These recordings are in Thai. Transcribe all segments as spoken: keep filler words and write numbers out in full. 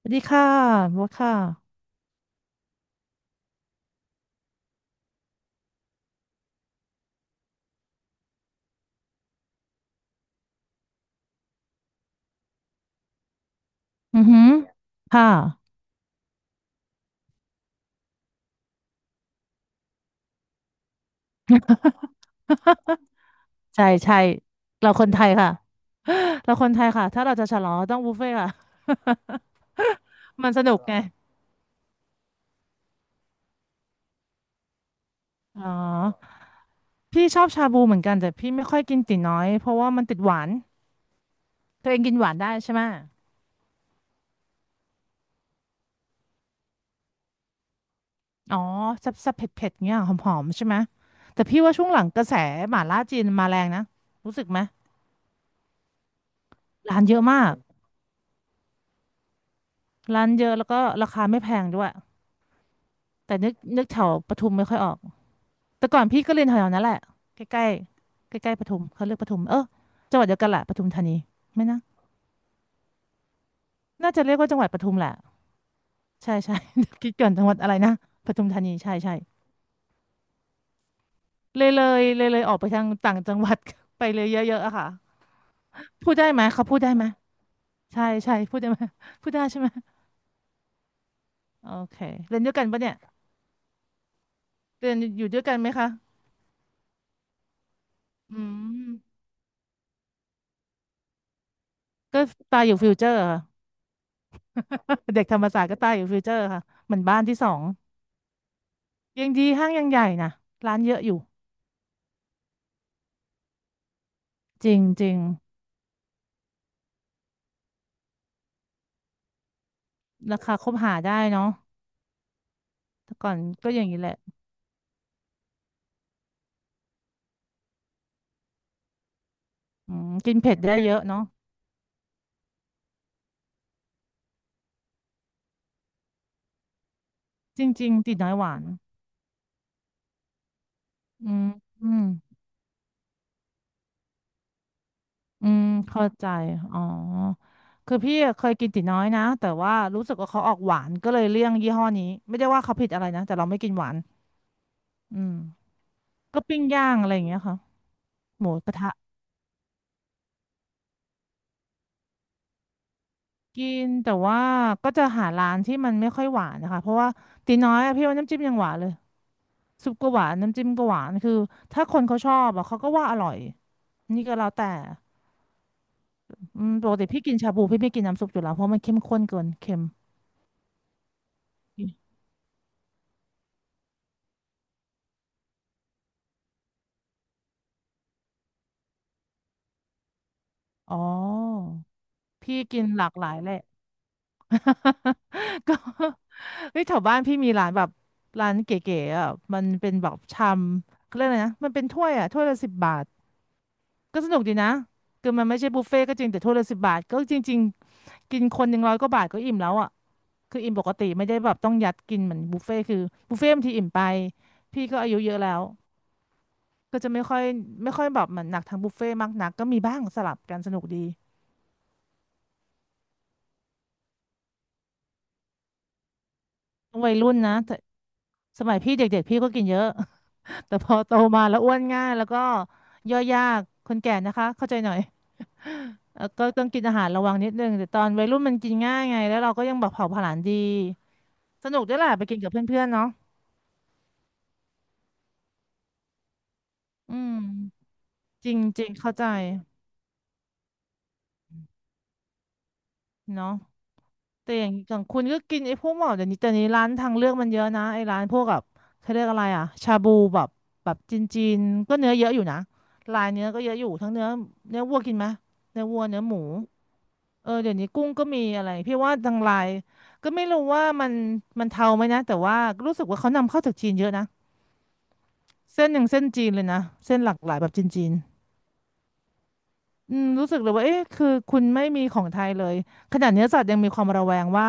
สวัสดีค่ะโบัทค่ะ อือหือค่ะใช่ใช่เราคนไทยค่ะ เราคนไทยค่ะ ถ้าเราจะฉลองเราต้องบุฟเฟ่ต์ค่ะ มันสนุกไง อ๋อ พี่ชอบชาบูเหมือนกันแต่พี่ไม่ค่อยกินตี๋น้อยเพราะว่ามันติดหวาน ตัวเองกินหวานได้ใช่ไหม อ๋อแซ่บๆเผ็ดๆเงี้ยหอมๆ ใช่ไหม แต่พี่ว่าช่วงหลังกระแสหม่าล่าจีนมาแรงนะรู้สึกไหมร้านเยอะมากร้านเยอะแล้วก็ราคาไม่แพงด้วยแต่นึกนึกแถวปทุมไม่ค่อยออก แต่ก่อนพี่ก็เรียนแถวๆนั้นแหละใกล้ๆใกล้ๆปทุมเขาเรียกปทุมเออจังหวัดเดียวกันแหละปทุมธานีไม่นะน่าจะเรียกว่าจังหวัดปทุมแหละใช่ใช่ คิดก่อนจังหวัดอะไรนะปทุมธานีใช่ใช่เลยเลยเลยเลยออกไปทางต่างจังหวัด ไปเลยเยอะๆอะค่ะพูดได้ไหมเขาพูดได้ไหมใช่ใช่พูดได้ไหมพูดได้ใช่ไหมโอเคเรียนด้วยกันปะเนี่ยเรียนอยู่ด้วยกันไหมคะอืมก็ตายอยู่ฟิวเจอร์อะ เด็กธรรมศาสตร์ก็ตายอยู่ฟิวเจอร์ค่ะเหมือนบ้านที่สองยังดีห้างยังใหญ่นะร้านเยอะอยู่ จริงจริงราคาคบหาได้เนาะแต่ก่อนก็อย่างนี้แหละอืมกินเผ็ดได้เยอะเนาะจริงๆติดน้อยหวานอืมอืมอืมเข้าใจอ๋อคือพี่อะเคยกินติดน้อยนะแต่ว่ารู้สึกว่าเขาออกหวานก็เลยเลี่ยงยี่ห้อนี้ไม่ได้ว่าเขาผิดอะไรนะแต่เราไม่กินหวานอืมก็ปิ้งย่างอะไรอย่างเงี้ยค่ะหมูกระทะกินแต่ว่าก็จะหาร้านที่มันไม่ค่อยหวานนะคะเพราะว่าตีน้อยอะพี่ว่าน้ำจิ้มยังหวานเลย ซุปก็หวานน้ำจิ้มก็หวานคือถ้าคนเขาชอบอ่ะเขาก็ว่าอร่อยนี่ก็แล้วแต่อืมปกติพี่กินชาบูพี่ไม่กินน้ำซุปอยู่แล้วเพราะมันเข้มข้นเกินเค็มอ๋อพี่กินหลากหลายแหละ ก็เฮ้ยแถวบ้านพี่มีร้านแบบร้านเก๋ๆอ่ะมันเป็นแบบชามเขาเรียกอะไรนะมันเป็นถ้วยอ่ะถ้วยละสิบบาทก็สนุกดีนะคือมันไม่ใช่บุฟเฟ่ต์ก็จริงแต่ถ้วยละสิบบาทก็จริงๆกินคนหนึ่งร้อยกว่าบาทก็อิ่มแล้วอ่ะ คืออิ่มปกติไม่ได้แบบต้องยัดกินเหมือนบุฟเฟ่ต์คือบุฟเฟ่ต์บางทีอิ่มไปพี่ก็อายุเยอะแล้วก็จะไม่ค่อยไม่ค่อยแบบเหมือนหนักทางบุฟเฟ่ต์มากนักก็มีบ้างสลับกันสนุกดีวัยรุ่นนะแต่สมัยพี่เด็กๆพี่ก็กินเยอะ แต่พอโตมาแล้วอ้วนง่ายแล้วก็ย่อยยากคนแก่นะคะเข้าใจหน่อยเออก็ต้องกินอาหารระวังนิดนึงแต่ตอนวัยรุ่นมันกินง่ายไงแล้วเราก็ยังแบบเผาผลาญดีสนุกด้วยแหละไปกินกับเพื่อนๆเนาะอืมจริงๆเข้าใจเนาะ แต่อย่างอย่างคุณก็กินไอ้พวกหมอเดี๋ยวนี้แต่นี้ร้านทางเลือกมันเยอะนะไอ้ร้านพวกแบบเขาเรียกอะไรอะชาบูแบบแบบจีนจีนก็เนื้อเยอะอยู่นะลายเนื้อก็เยอะอยู่ทั้งเนื้อเนื้อวัวกินไหมเนื้อวัวเนื้อหมูเออเดี๋ยวนี้กุ้งก็มีอะไรพี่ว่าทางไลน์ก็ไม่รู้ว่ามันมันเทาไหมนะแต่ว่ารู้สึกว่าเขานำเข้าจากจีนเยอะนะเส้นหนึ่งเส้นจีนเลยนะเส้นหลากหลายแบบจีนๆอืมรู้สึกเลยว่าเอ๊ะคือคุณไม่มีของไทยเลยขนาดเนื้อสัตว์ยังมีความระแวงว่า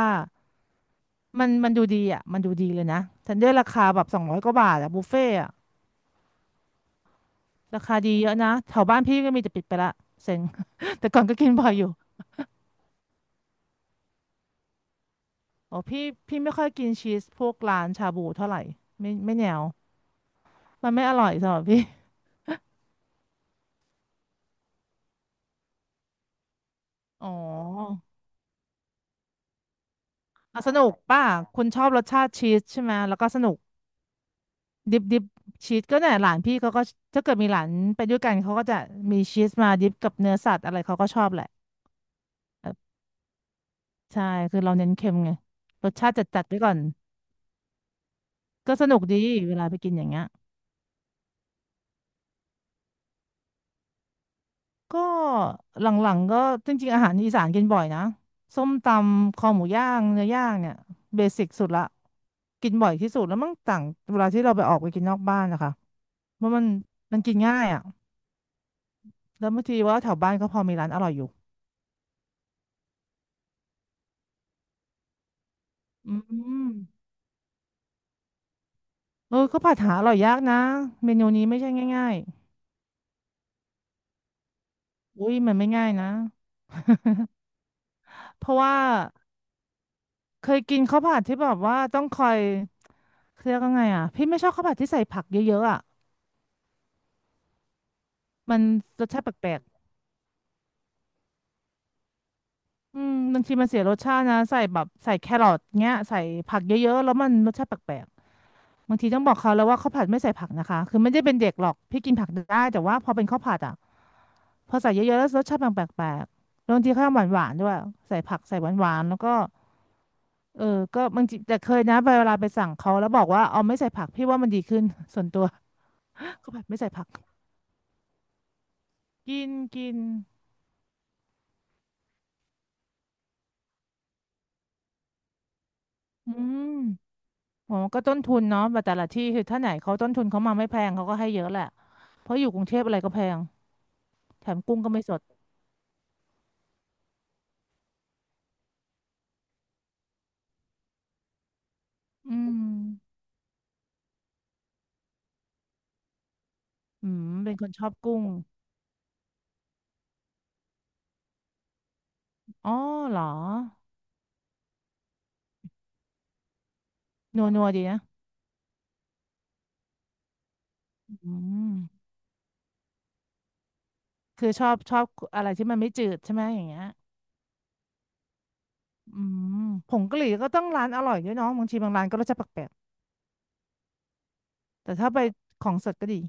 มันมันดูดีอ่ะมันดูดีเลยนะทันเดอร์ราคาแบบสองร้อยกว่าบาทอ่ะบุฟเฟ่อะราคาดีเยอะนะแถวบ้านพี่ก็มีแต่ปิดไปละเซ็ง แต่ก่อนก็กินบ่อยอยู่อ๋อพี่พี่ไม่ค่อยกินชีสพวกร้านชาบูเท่าไหร่ไม่ไม่แนวมันไม่อร่อยสำหรับพี่อ๋ออ่ะสนุกป่ะคุณชอบรสชาติชีสใช่ไหมแล้วก็สนุกดิบดิบชีสก็เนี่ยหลานพี่เขาก็ถ้าเกิดมีหลานไปด้วยกันเขาก็จะมีชีสมาดิบกับเนื้อสัตว์อะไรเขาก็ชอบแหละเออใช่คือเราเน้นเค็มไงรสชาติจัดจัดไว้ก่อน ก็สนุกดีเวลาไปกินอย่างเงี้ยก็หลังๆก็จริงๆอาหารอีสานกินบ่อยนะส้มตำคอหมูย่างเนื้อย่างเนี่ยเบสิกสุดละกินบ่อยที่สุดแล้วมังต่างเวลาที่เราไปออกไปกินนอกบ้านนะคะเพราะมันมันกินง่ายอ่ะแล้วบางทีว่าแถวบ้านก็พอมีร้านอร่อยอยู่อืมเออก็ผัดหาอร่อยยากนะเมนูนี้ไม่ใช่ง่ายๆอุ้ยมันไม่ง่ายนะ เพราะว่าเคยกินข้าวผัดที่แบบว่าต้องคอย เครียกวันไงอ่ะพี่ไม่ชอบข้าวผัดที่ใส่ผักเยอะๆอ่ะมันรสชาติแปลกๆอืมบางทีมันเสียรสชาตินะใส่แบบใส่แครอทเงี้ยใส่ผักเยอะๆแล้วมันรสชาติแปลกๆบางทีต้องบอกเขาแล้วว่าข้าวผัดไม่ใส่ผักนะคะคือไม่ได้เป็นเด็กหรอกพี่กินผักได้แต่ว่าพอเป็นข้าวผัดอ่ะพอใส่เยอะๆแล้วรสชาติมันแปลกๆแล้วบางทีเขาทำหวานๆด้วยใส่ผักใส่หวานๆแล้วก็เออก็บางทีแต่เคยนะเวลาไปสั่งเขาแล้วบอกว่าเอาไม่ใส่ผักพี่ว่ามันดีขึ้นส่วนตัว ข้าวผัดไม่ใส่ผักกินกินอืม โอ้ก็ต้นทุนเนาะแบบแต่ละที่คือถ้าไหนเขาต้นทุนเขามาไม่แพงเขาก็ให้เยอะแหละ เพราะอยู่กรุงเทพอะไรก็แพงแถมกุ้งก็ไม่สดอืมอืม เป็นคนชอบกุ้ง อ๋อเหรอนัวนัวดีนะอืมคือชอบชอบอะไรที่มันไม่จืดใช่ไหมอย่างเงี้ยอืมผงกะหรี่ก็ต้องร้านอร่อยด้วยเน้องบางทีบางร้านก็รสชาติแปลกๆแต่ถ้าไปของสดก็ดี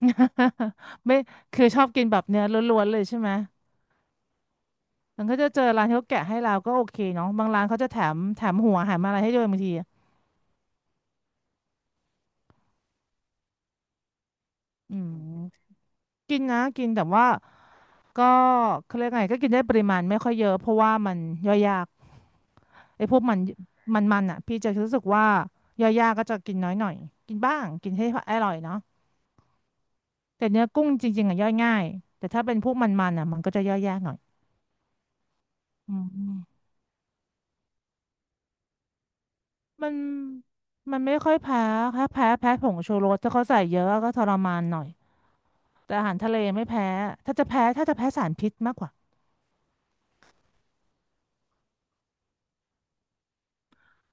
ไม่คือชอบกินแบบเนื้อล้วนๆเลยใช่ไหม มันก็จะเจอร้านที่เขาแกะให้เราก็โอเคเนาะบางร้านเขาจะแถมแถมหัวแถมอะไรให้ด้วยบางทีอะอืมกินนะกินแต่ว่าก็เขาเรียกไงก็กินได้ปริมาณไม่ค่อยเยอะเพราะว่ามันย่อยยากไอ้พวกมันมันมันอ่ะพี่จะรู้สึกว่าย่อยยากก็จะกินน้อยหน่อยกินบ้างกินให้อร่อยเนาะแต่เนื้อกุ้งจริงๆอ่ะย่อยง่ายแต่ถ้าเป็นพวกมันมันอ่ะมันก็จะย่อยยากหน่อยอืมมันมันไม่ค่อยแพ้แค่แพ้แพ้ผงชูรสถ้าเขาใส่เยอะก็ทรมานหน่อย แต่อาหารทะเลไม่แพ้ถ้าจะแพ้ถ้าจะแพ้สารพิษมากกว่า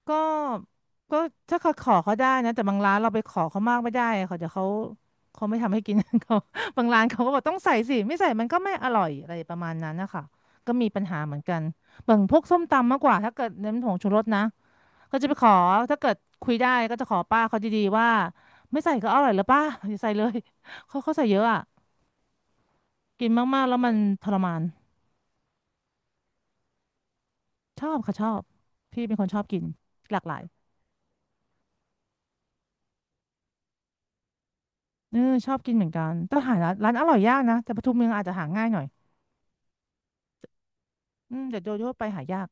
ก็ก็ถ้าเขาขอเขาได้นะแต่บางร้านเราไปขอเขามากไม่ได้เขาเดี๋ยวเขาเขาไม่ทำให้กิน เขาบางร้านเขาก็บอกต้องใส่สิไม่ใส่มันก็ไม่อร่อยอะไรประมาณนั้นนะคะก็มีปัญหาเหมือนกันบางพวกส้มตำมากกว่าถ้าเกิดเน้นผงชูรสนะก็จะไปขอถ้าเกิดคุยได้ก็จะขอป้าเขาดีๆว่าไม่ใส่ก็อร่อยแล้วป้าอย่าใส่เลย เขาเขาใส่เยอะอ่ะกินมากๆแล้วมันทรมานชอบค่ะชอบพี่เป็นคนชอบกินหลากหลาย เออชอบกินเหมือนกันแต่หาร้านร้านอร่อยยากนะแต่ปทุมเมืองอาจจะหาง่ายหน่อยอืมแต่โดยทั่วไปหายาก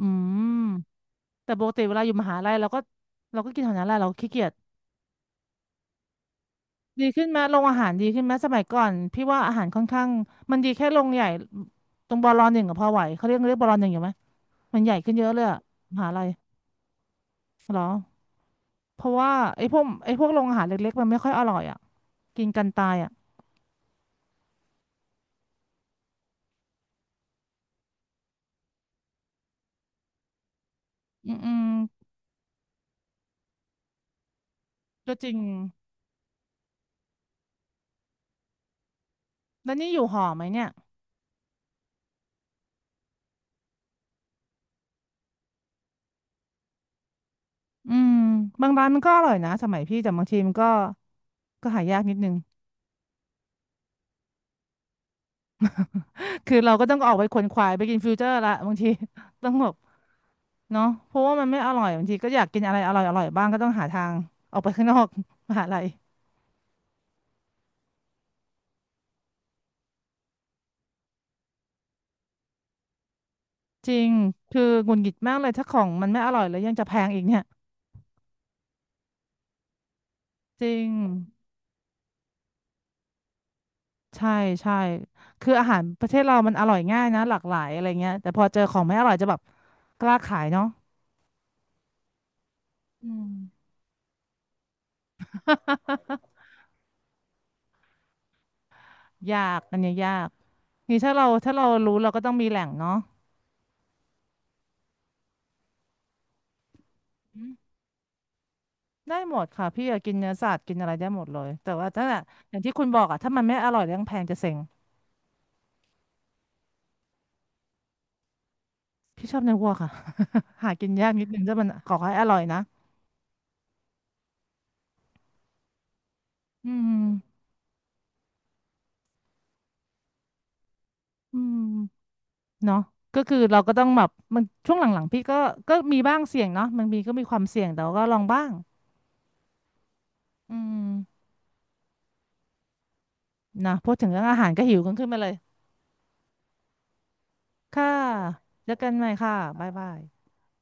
อืมแต่ปกติเวลาอยู่มหาลัยเราก็เราก็กินแถวนั้นแหละเราขี้เกียจดีขึ้นไหมโรงอาหารดีขึ้นไหมสมัยก่อนพี่ว่าอาหารค่อนข้างมันดีแค่โรงใหญ่ตรงบอลหนึ่งกับพอไหวเขาเรียกเรียกบอลหนึ่งอยู่ไหมมันใหญ่ขึ้นเยอะเลยอะมหาลัยเหรอเพราะว่าไอ้พวกไอ้พวกโรงอาหารเล็กๆมันไม่ค่อยอร่อยอ่ะกินกันตายอ่ะอืมอืมก็จริงแล้วนี่อยู่หอไหมเนี่ย อืมบางร้านมันก็อร่อยนะสมัยพี่แต่บางทีมันก็ก็หายากนิดนึง คือเราก็ต้องออกไปขวนขวายไปกินฟิวเจอร์ละบางที ต้องแบบเนาะเพราะว่ามันไม่อร่อยบางทีก็อยากกินอะไรอร่อยอร่อยบ้างก็ต้องหาทางออกไปข้างนอก มหาลัยจริงคือหงุดหงิดมากเลยถ้าของมันไม่อร่อยแล้วยังจะแพงอีกเนี่ยจริงใช่ใช่คืออาหารประเทศเรามันอร่อยง่ายนะหลากหลายอะไรเงี้ยแต่พอเจอของไม่อร่อยจะแบบกล้าขายเนาะอืม ยากอันเนี้ยยาก นี่ถ้าเราถ้าเรารู้เราก็ต้องมีแหล่งเนาะอืมได้หมดค่ะพี่อยากกินเนื้อสัตว์กินอะไรได้หมดเลยแต่ว่าถ้าอย่างที่คุณบอกอะถ้ามันไม่อร่อยเรื่องแพงจะเซ็งพี่ชอบเนื้อวัวค่ะ หากินยากนิดนึงถ้ามันขอให้อร่อยนะอืมอืมเนาะก็คือเราก็ต้องแบบมันช่วงหลังๆพี่ก็ก็มีบ้างเสี่ยงเนาะมันมีก็มีความเสี่ยงแต่ว่าก็ลองบ้างอืมนะพูดถึงเรื่องอาหารก็หิวกันขึ้นมาเลยค่ะเจอกันใหม่ค่ะบ๊ายบาย